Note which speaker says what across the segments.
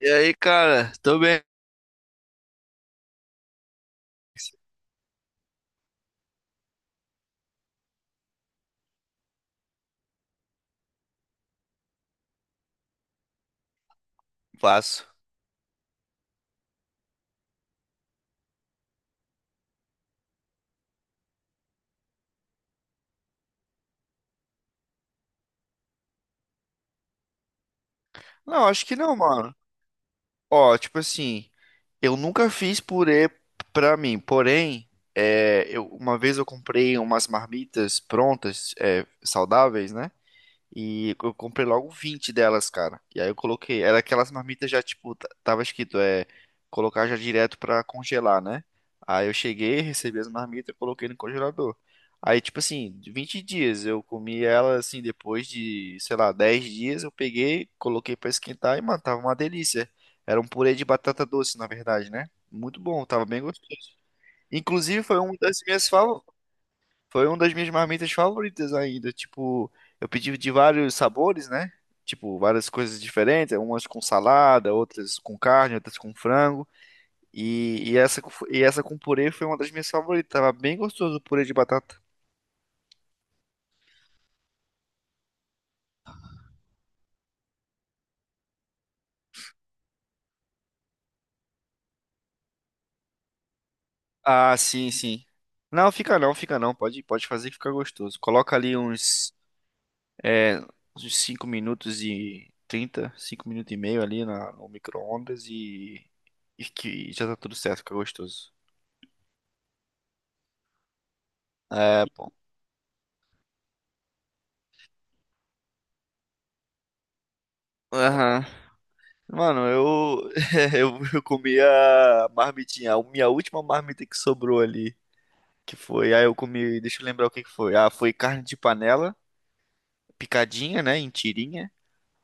Speaker 1: E aí, cara? Tô bem, passo. Não, acho que não, mano. Ó, tipo assim, eu nunca fiz purê pra mim, porém, uma vez eu comprei umas marmitas prontas, saudáveis, né? E eu comprei logo 20 delas, cara. E aí eu coloquei. Era aquelas marmitas já, tipo, tava escrito. Colocar já direto pra congelar, né? Aí eu cheguei, recebi as marmitas, coloquei no congelador. Aí, tipo assim, de 20 dias eu comi ela, assim, depois de, sei lá, 10 dias eu peguei, coloquei pra esquentar e, mano, tava uma delícia. Era um purê de batata doce, na verdade, né? Muito bom, tava bem gostoso. Inclusive, foi uma das minhas marmitas favoritas ainda. Tipo, eu pedi de vários sabores, né? Tipo, várias coisas diferentes, umas com salada, outras com carne, outras com frango. E essa com purê foi uma das minhas favoritas. Tava bem gostoso o purê de batata. Ah, sim, sim. Não, fica não, fica não. Pode fazer que fica gostoso. Coloca ali é, uns 5 minutos e 35 minutos e meio ali no micro-ondas e, que já tá tudo certo, fica gostoso. É, pô. Aham. Mano, eu comi a marmitinha, a minha última marmita que sobrou ali, que foi, aí eu comi, deixa eu lembrar o que que foi. Ah, foi carne de panela, picadinha, né, em tirinha,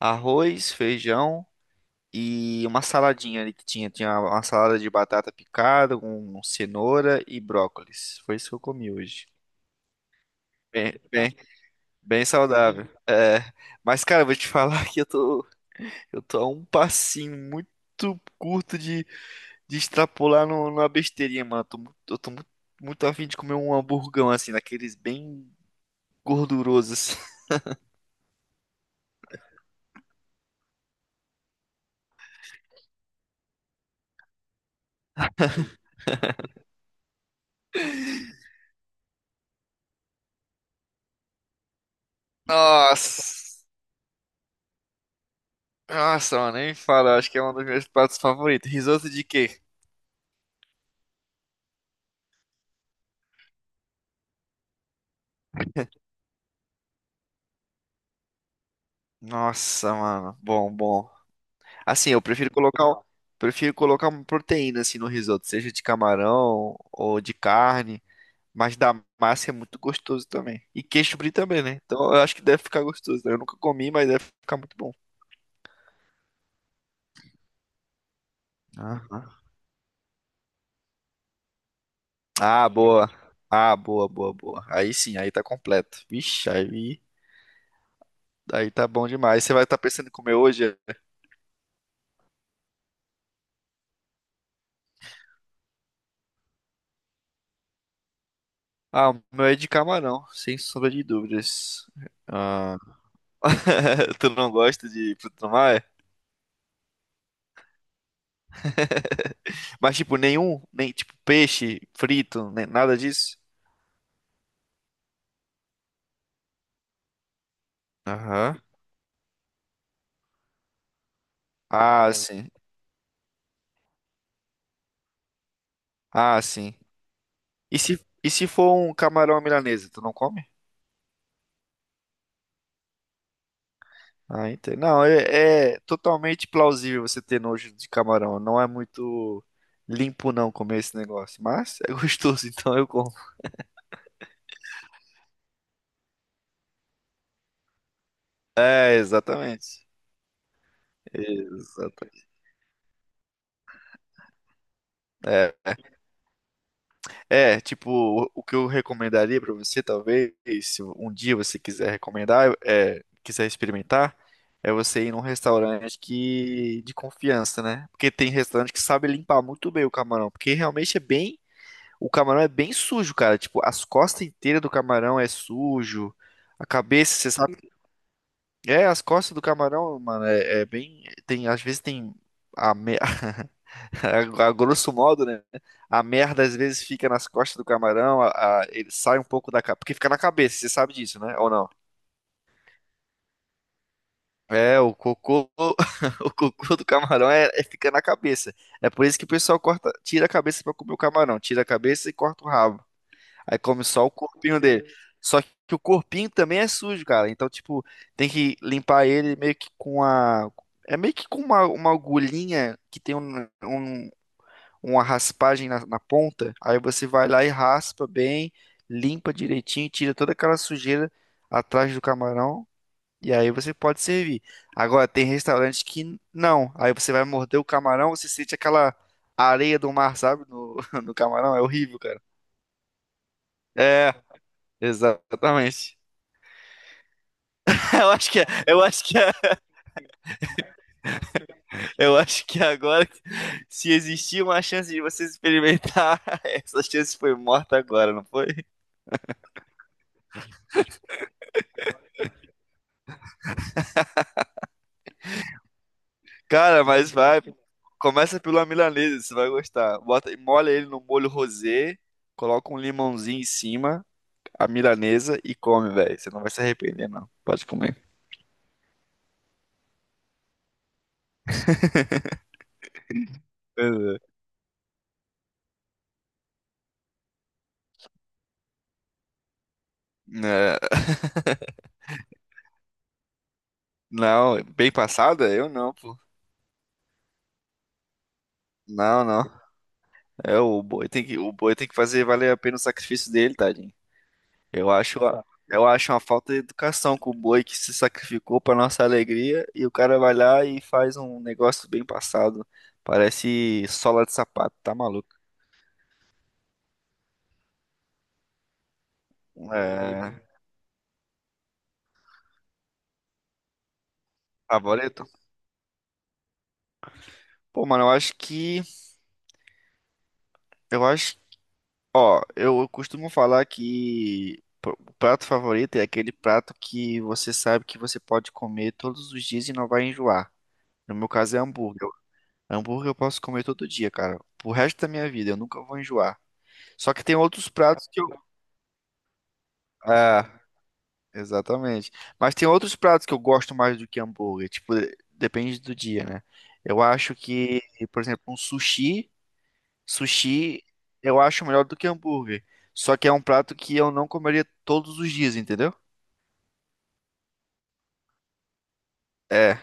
Speaker 1: arroz, feijão e uma saladinha ali que tinha uma salada de batata picada com cenoura e brócolis. Foi isso que eu comi hoje. Bem, bem, bem saudável. É, mas cara, eu vou te falar que eu tô a um passinho muito curto de extrapolar no, numa besteirinha, mano. Eu tô muito afim de comer um hamburgão, assim, daqueles bem gordurosos, assim. Nossa! Nossa, mano, nem fala. Acho que é um dos meus pratos favoritos. Risoto de quê? Nossa, mano. Bom, bom. Assim, eu prefiro colocar uma proteína, assim, no risoto. Seja de camarão ou de carne. Mas da massa é muito gostoso também. E queijo brie também, né? Então eu acho que deve ficar gostoso, né? Eu nunca comi, mas deve ficar muito bom. Aham. Ah, boa. Ah, boa, boa, boa. Aí sim, aí tá completo. Vixe, aí tá bom demais. Você vai estar pensando em comer hoje? Ah, o meu é de camarão, sem sombra de dúvidas. Ah, tu não gosta de fruto do mar? Mas tipo, nenhum, nem tipo peixe frito, nem nada disso? Aham. Ah, sim. Ah, sim. E se for um camarão à milanesa, tu não come? Ah, entendo. Não, é totalmente plausível você ter nojo de camarão. Não é muito limpo não comer esse negócio, mas é gostoso, então eu como. É, exatamente. Exatamente. É, tipo, o que eu recomendaria pra você, talvez, se um dia você quiser recomendar, quiser experimentar, é você ir num restaurante que de confiança, né? Porque tem restaurante que sabe limpar muito bem o camarão, porque realmente é bem. O camarão é bem sujo, cara. Tipo, as costas inteiras do camarão é sujo. A cabeça, você sabe. É, as costas do camarão, mano, é bem. Tem, às vezes tem. A, me... a grosso modo, né? A merda às vezes fica nas costas do camarão. Ele sai um pouco da. Porque fica na cabeça, você sabe disso, né? Ou não? É, o cocô do camarão é, fica na cabeça. É por isso que o pessoal corta, tira a cabeça pra comer o camarão, tira a cabeça e corta o rabo. Aí come só o corpinho dele. Só que o corpinho também é sujo, cara. Então, tipo, tem que limpar ele meio que com a. É meio que com uma agulhinha que tem uma raspagem na ponta. Aí você vai lá e raspa bem, limpa direitinho, tira toda aquela sujeira atrás do camarão. E aí você pode servir. Agora, tem restaurante que não. Aí você vai morder o camarão, você sente aquela areia do mar, sabe? No, no camarão. É horrível, cara. É. Exatamente. Eu acho que, eu acho que, eu acho que agora, se existia uma chance de você experimentar, essa chance foi morta agora, não foi? Cara, mas vai, começa pela milanesa, você vai gostar. Bota, molha ele no molho rosé, coloca um limãozinho em cima, a milanesa e come, velho. Você não vai se arrepender, não. Pode comer. Pois é. Não, bem passada? Eu não, pô. Não, não. É o boi tem que fazer valer a pena o sacrifício dele, tadinho. Eu acho uma falta de educação com o boi que se sacrificou para nossa alegria e o cara vai lá e faz um negócio bem passado. Parece sola de sapato, tá maluco? É, Favorito. Pô, mano, eu acho que, eu acho, ó, eu costumo falar que o prato favorito é aquele prato que você sabe que você pode comer todos os dias e não vai enjoar. No meu caso é hambúrguer. Hambúrguer eu posso comer todo dia, cara. Pro resto da minha vida, eu nunca vou enjoar. Só que tem outros pratos que eu. É, exatamente. Mas tem outros pratos que eu gosto mais do que hambúrguer. Tipo, depende do dia, né? Eu acho que, por exemplo, um sushi. Sushi eu acho melhor do que hambúrguer. Só que é um prato que eu não comeria todos os dias, entendeu? É.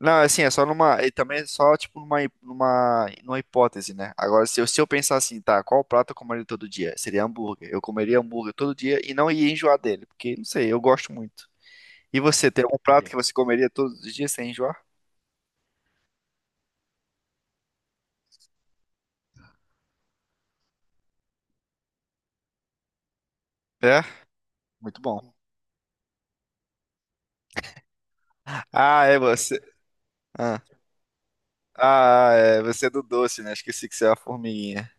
Speaker 1: Não, assim, é só numa. E também é só, tipo, numa hipótese, né? Agora, se eu pensar assim, tá, qual prato eu comeria todo dia? Seria hambúrguer. Eu comeria hambúrguer todo dia e não ia enjoar dele, porque, não sei, eu gosto muito. E você, tem algum prato que você comeria todos os dias sem enjoar? É? Muito bom. Ah, é você. Ah, ah, você é do doce, né? Esqueci que você é uma formiguinha.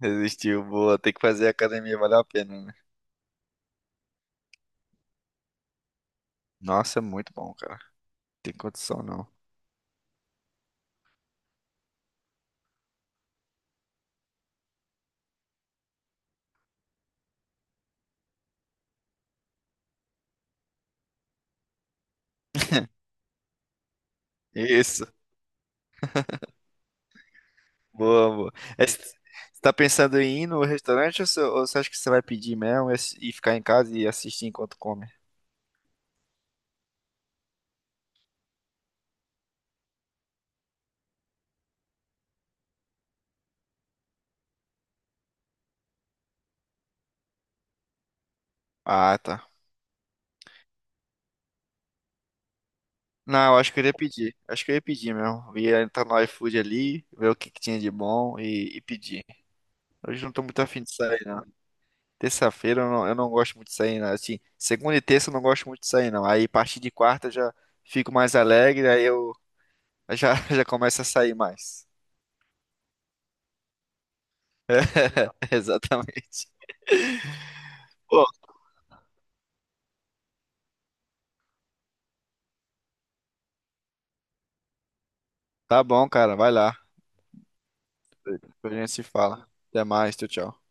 Speaker 1: Resistiu, boa. Tem que fazer academia, valeu a pena, né? Nossa, muito bom, cara. Tem condição, não. Isso, boa, boa. Você tá pensando em ir no restaurante ou você acha que você vai pedir mesmo e ficar em casa e assistir enquanto come? Ah, tá. Não, eu acho que eu ia pedir. Acho que eu ia pedir mesmo. Ia entrar no iFood ali, ver o que que tinha de bom e pedir. Hoje não tô muito afim de sair, não. Terça-feira eu não gosto muito de sair, não. Assim, segunda e terça eu não gosto muito de sair, não. Aí, a partir de quarta eu já fico mais alegre, aí eu já começo a sair mais. Exatamente. Pô, tá bom, cara. Vai lá. Depois a gente se fala. Até mais. Tchau, tchau.